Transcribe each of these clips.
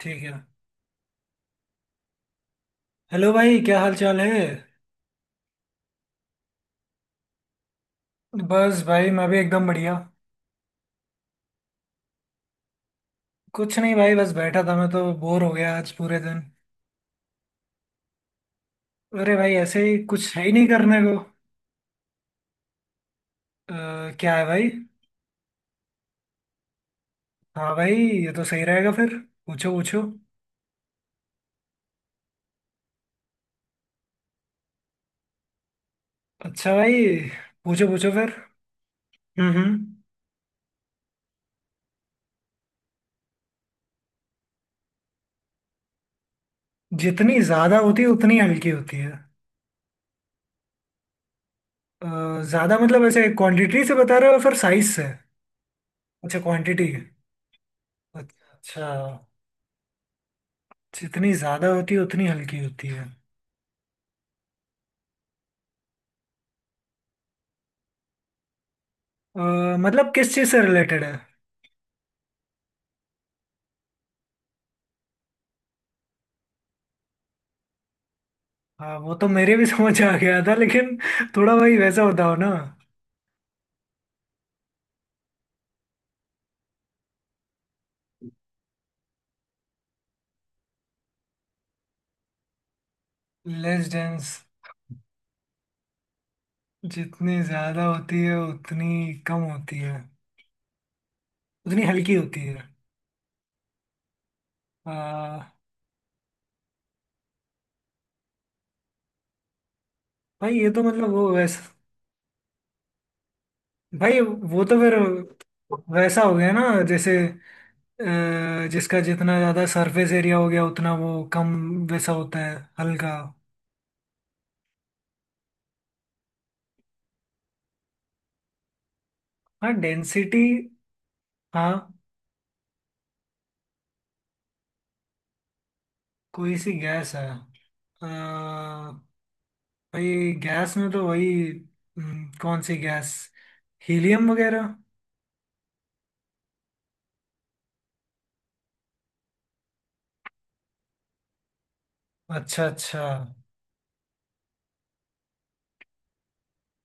ठीक है। हेलो भाई, क्या हाल चाल है। बस भाई, मैं भी एकदम बढ़िया। कुछ नहीं भाई, बस बैठा था, मैं तो बोर हो गया आज पूरे दिन। अरे भाई ऐसे ही, कुछ है ही नहीं करने को। अ, क्या है भाई। हाँ भाई, ये तो सही रहेगा फिर। पूछो पूछो। अच्छा भाई। पूछो पूछो फिर। हम्म। जितनी ज्यादा होती है उतनी हल्की होती है। अ, ज्यादा मतलब ऐसे क्वांटिटी से बता रहे हो या फिर साइज से। अच्छा क्वांटिटी। अच्छा। जितनी ज्यादा होती है उतनी हल्की होती है। मतलब किस चीज से रिलेटेड है। हाँ, वो तो मेरे भी समझ आ गया था, लेकिन थोड़ा भाई वैसा बताओ ना। Less dense. जितनी ज्यादा होती है उतनी कम होती है, उतनी हल्की होती है। भाई ये तो मतलब वो वैसा। भाई वो तो फिर वैसा हो गया ना, जैसे जिसका जितना ज्यादा सरफेस एरिया हो गया उतना वो कम वैसा होता है हल्का। हाँ डेंसिटी। हाँ। कोई सी गैस है। अ, भाई गैस में तो वही। कौन सी गैस। हीलियम वगैरह। अच्छा अच्छा।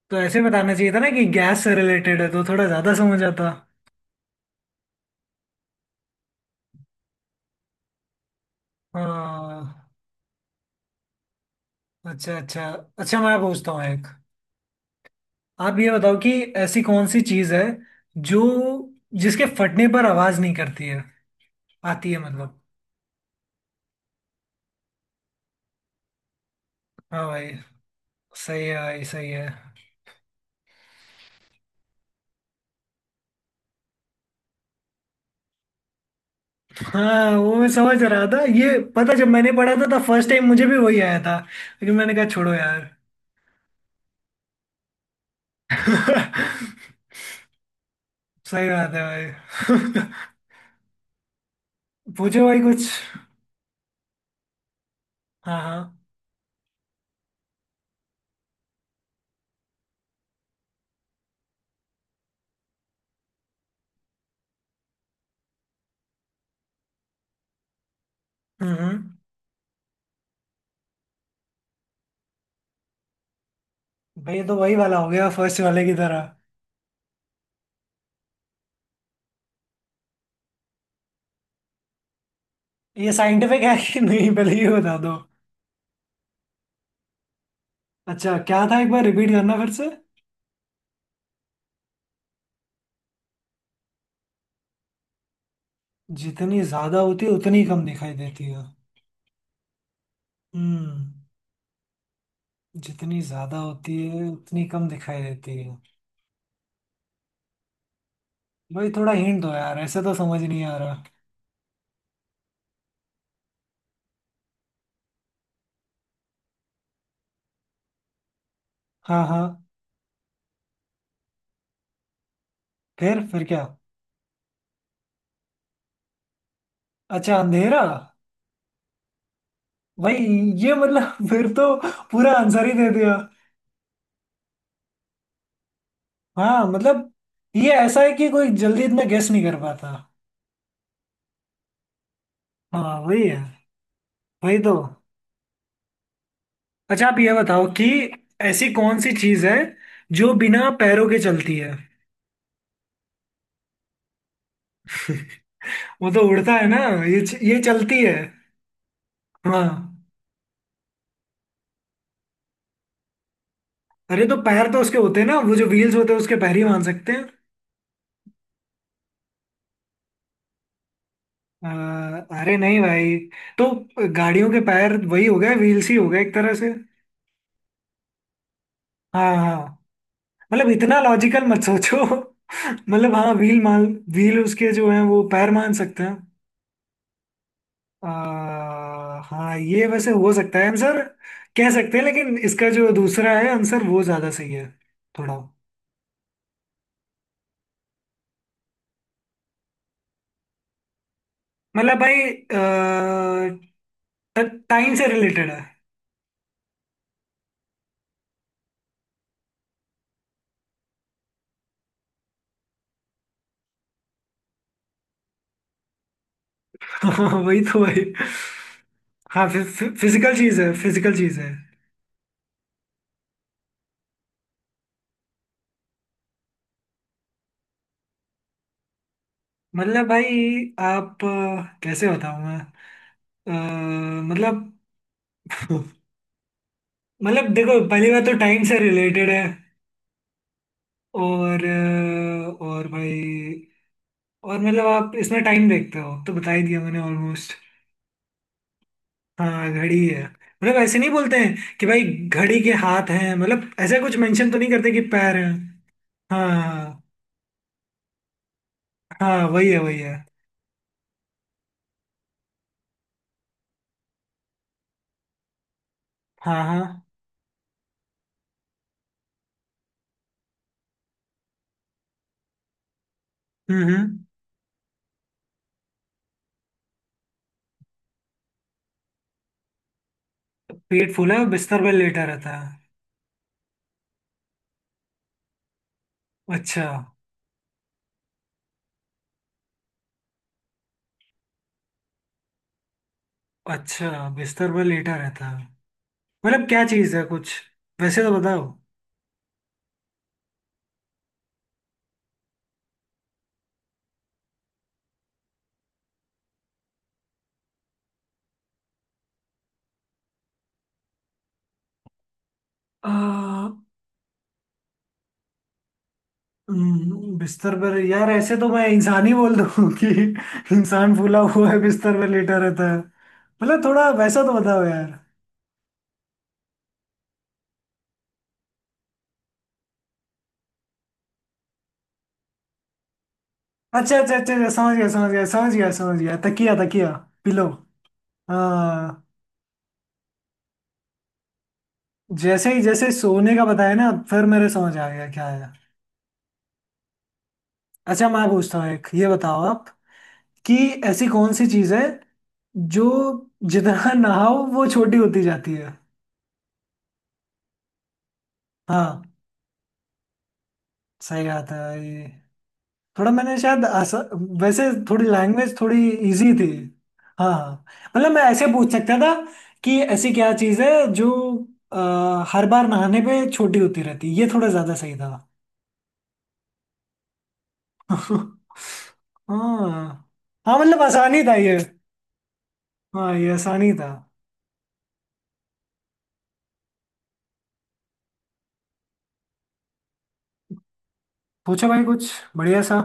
तो ऐसे बताना चाहिए था ना कि गैस से रिलेटेड है, तो थोड़ा ज्यादा समझ आता। हाँ। अच्छा अच्छा। अच्छा मैं पूछता हूँ एक। आप ये बताओ कि ऐसी कौन सी चीज है जो जिसके फटने पर आवाज नहीं करती है, आती है मतलब। हाँ भाई। सही है भाई, सही है। हाँ, वो मैं समझ रहा था, ये पता जब मैंने पढ़ा था तब फर्स्ट टाइम मुझे भी वही आया था, लेकिन मैंने कहा छोड़ो यार। सही बात है भाई पूछो भाई कुछ। हाँ हाँ। हम्म हम्म। भाई ये तो वही वाला हो गया, फर्स्ट वाले की तरह। ये साइंटिफिक है कि नहीं पहले ये बता दो। अच्छा, क्या था एक बार रिपीट करना फिर से। जितनी ज्यादा होती है उतनी कम दिखाई देती है। हम्म। जितनी ज्यादा होती है उतनी कम दिखाई देती है। भाई थोड़ा हिंट दो यार, ऐसे तो समझ नहीं आ रहा। हाँ हाँ। फिर क्या। अच्छा, अंधेरा। भाई ये मतलब फिर तो पूरा आंसर ही दे दिया। हाँ मतलब, ये ऐसा है कि कोई जल्दी इतना गेस नहीं कर पाता। हाँ वही है। वही तो। अच्छा आप ये बताओ कि ऐसी कौन सी चीज है जो बिना पैरों के चलती है वो तो उड़ता है ना। ये ये चलती है। हाँ। अरे तो पैर तो उसके होते हैं ना, वो जो व्हील्स होते हैं उसके पैर ही मान सकते हैं। अरे नहीं भाई। तो गाड़ियों के पैर वही हो गए, व्हील्स ही हो गए एक तरह से। हाँ हाँ। मतलब इतना लॉजिकल मत सोचो मतलब हाँ व्हील मान, व्हील उसके जो है वो पैर मान सकते हैं। हाँ ये वैसे हो सकता है आंसर। कह सकते हैं, लेकिन इसका जो दूसरा है आंसर वो ज्यादा सही है। थोड़ा मतलब भाई, टाइम से रिलेटेड है। हाँ, वही तो भाई। हाँ फि, फि, फिजिकल चीज है, फिजिकल चीज है। मतलब भाई, आप कैसे बताऊं मैं। मतलब मतलब देखो पहली बात तो टाइम से रिलेटेड है, और और भाई, और मतलब आप इसमें टाइम देखते हो तो बता ही दिया मैंने ऑलमोस्ट। हाँ घड़ी है, मतलब ऐसे नहीं बोलते हैं कि भाई घड़ी के हाथ हैं, मतलब ऐसा कुछ मेंशन तो नहीं करते कि पैर हैं। हाँ हाँ। वही है वही है। हाँ हाँ। हम्म। पेट फूला है, बिस्तर पर लेटा रहता है। अच्छा। अच्छा बिस्तर पर लेटा रहता है, मतलब क्या चीज़ है कुछ, वैसे तो बताओ। आ, बिस्तर पर यार, ऐसे तो मैं इंसान ही बोल दूं कि इंसान फूला हुआ है बिस्तर पर लेटा रहता है, मतलब थोड़ा वैसा तो बताओ यार। अच्छा अच्छा अच्छा अच्छा, समझ गया समझ गया समझ गया समझ गया, तकिया तकिया। पिलो। हाँ। जैसे ही जैसे सोने का बताया ना, फिर मेरे समझ आ गया क्या है। अच्छा मैं पूछता हूँ एक ये बताओ आप कि ऐसी कौन सी चीज है जो जितना नहाओ वो छोटी होती जाती है। हाँ। सही बात है, ये थोड़ा मैंने शायद आसा, वैसे थोड़ी लैंग्वेज थोड़ी इजी थी। हाँ हाँ। मतलब मैं ऐसे पूछ सकता था कि ऐसी क्या चीज़ है जो अ, हर बार नहाने पे छोटी होती रहती है, ये थोड़ा ज़्यादा सही था। हाँ। हाँ मतलब आसानी था ये। हाँ ये आसानी था। पूछो भाई कुछ बढ़िया सा।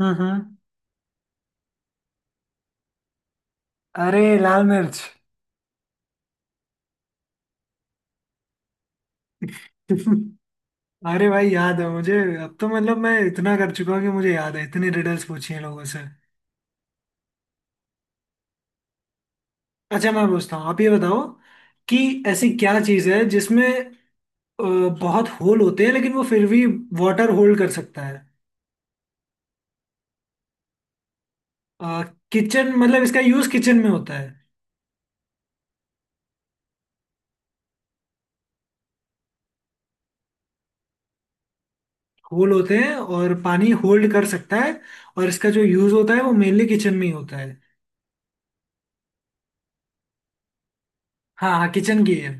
हम्म। अरे लाल मिर्च। अरे भाई, याद है मुझे, अब तो मतलब मैं इतना कर चुका हूँ कि मुझे याद है, इतनी रिडल्स पूछी हैं लोगों से। अच्छा मैं पूछता हूँ, आप ये बताओ कि ऐसी क्या चीज़ है जिसमें अ, बहुत होल होते हैं, लेकिन वो फिर भी वाटर होल्ड कर सकता है। अ, किचन, मतलब इसका यूज़ किचन में होता है। होल होते हैं और पानी होल्ड कर सकता है, और इसका जो यूज़ होता है वो मेनली किचन में ही होता है। हाँ हाँ किचन की है।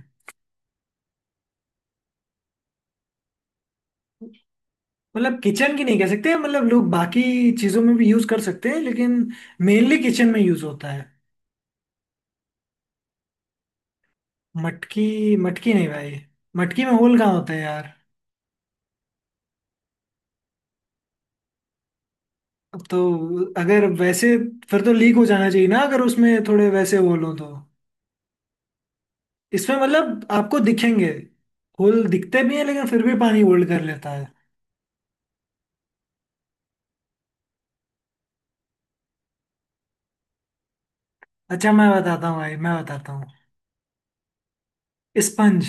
मतलब किचन की नहीं कह सकते, मतलब लोग बाकी चीज़ों में भी यूज़ कर सकते हैं, लेकिन मेनली किचन में यूज़ होता है। मटकी मटकी नहीं भाई, मटकी में होल कहाँ होता है यार। अब तो अगर वैसे, फिर तो लीक हो जाना चाहिए ना, अगर उसमें थोड़े वैसे होल हो तो। इसमें मतलब आपको दिखेंगे होल, दिखते भी हैं लेकिन फिर भी पानी होल्ड कर लेता है। अच्छा मैं बताता हूँ भाई, मैं बताता हूँ स्पंज।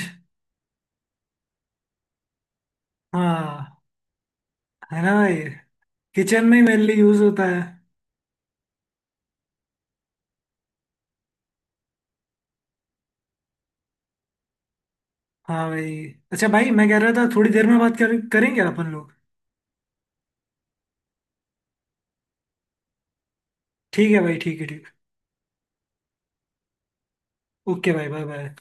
हाँ। है ना भाई। किचन में मेनली यूज होता है। हाँ भाई। अच्छा भाई, मैं कह रहा था थोड़ी देर में बात कर, करेंगे अपन लोग। ठीक है भाई, ठीक है, ठीक। ओके भाई, बाय बाय।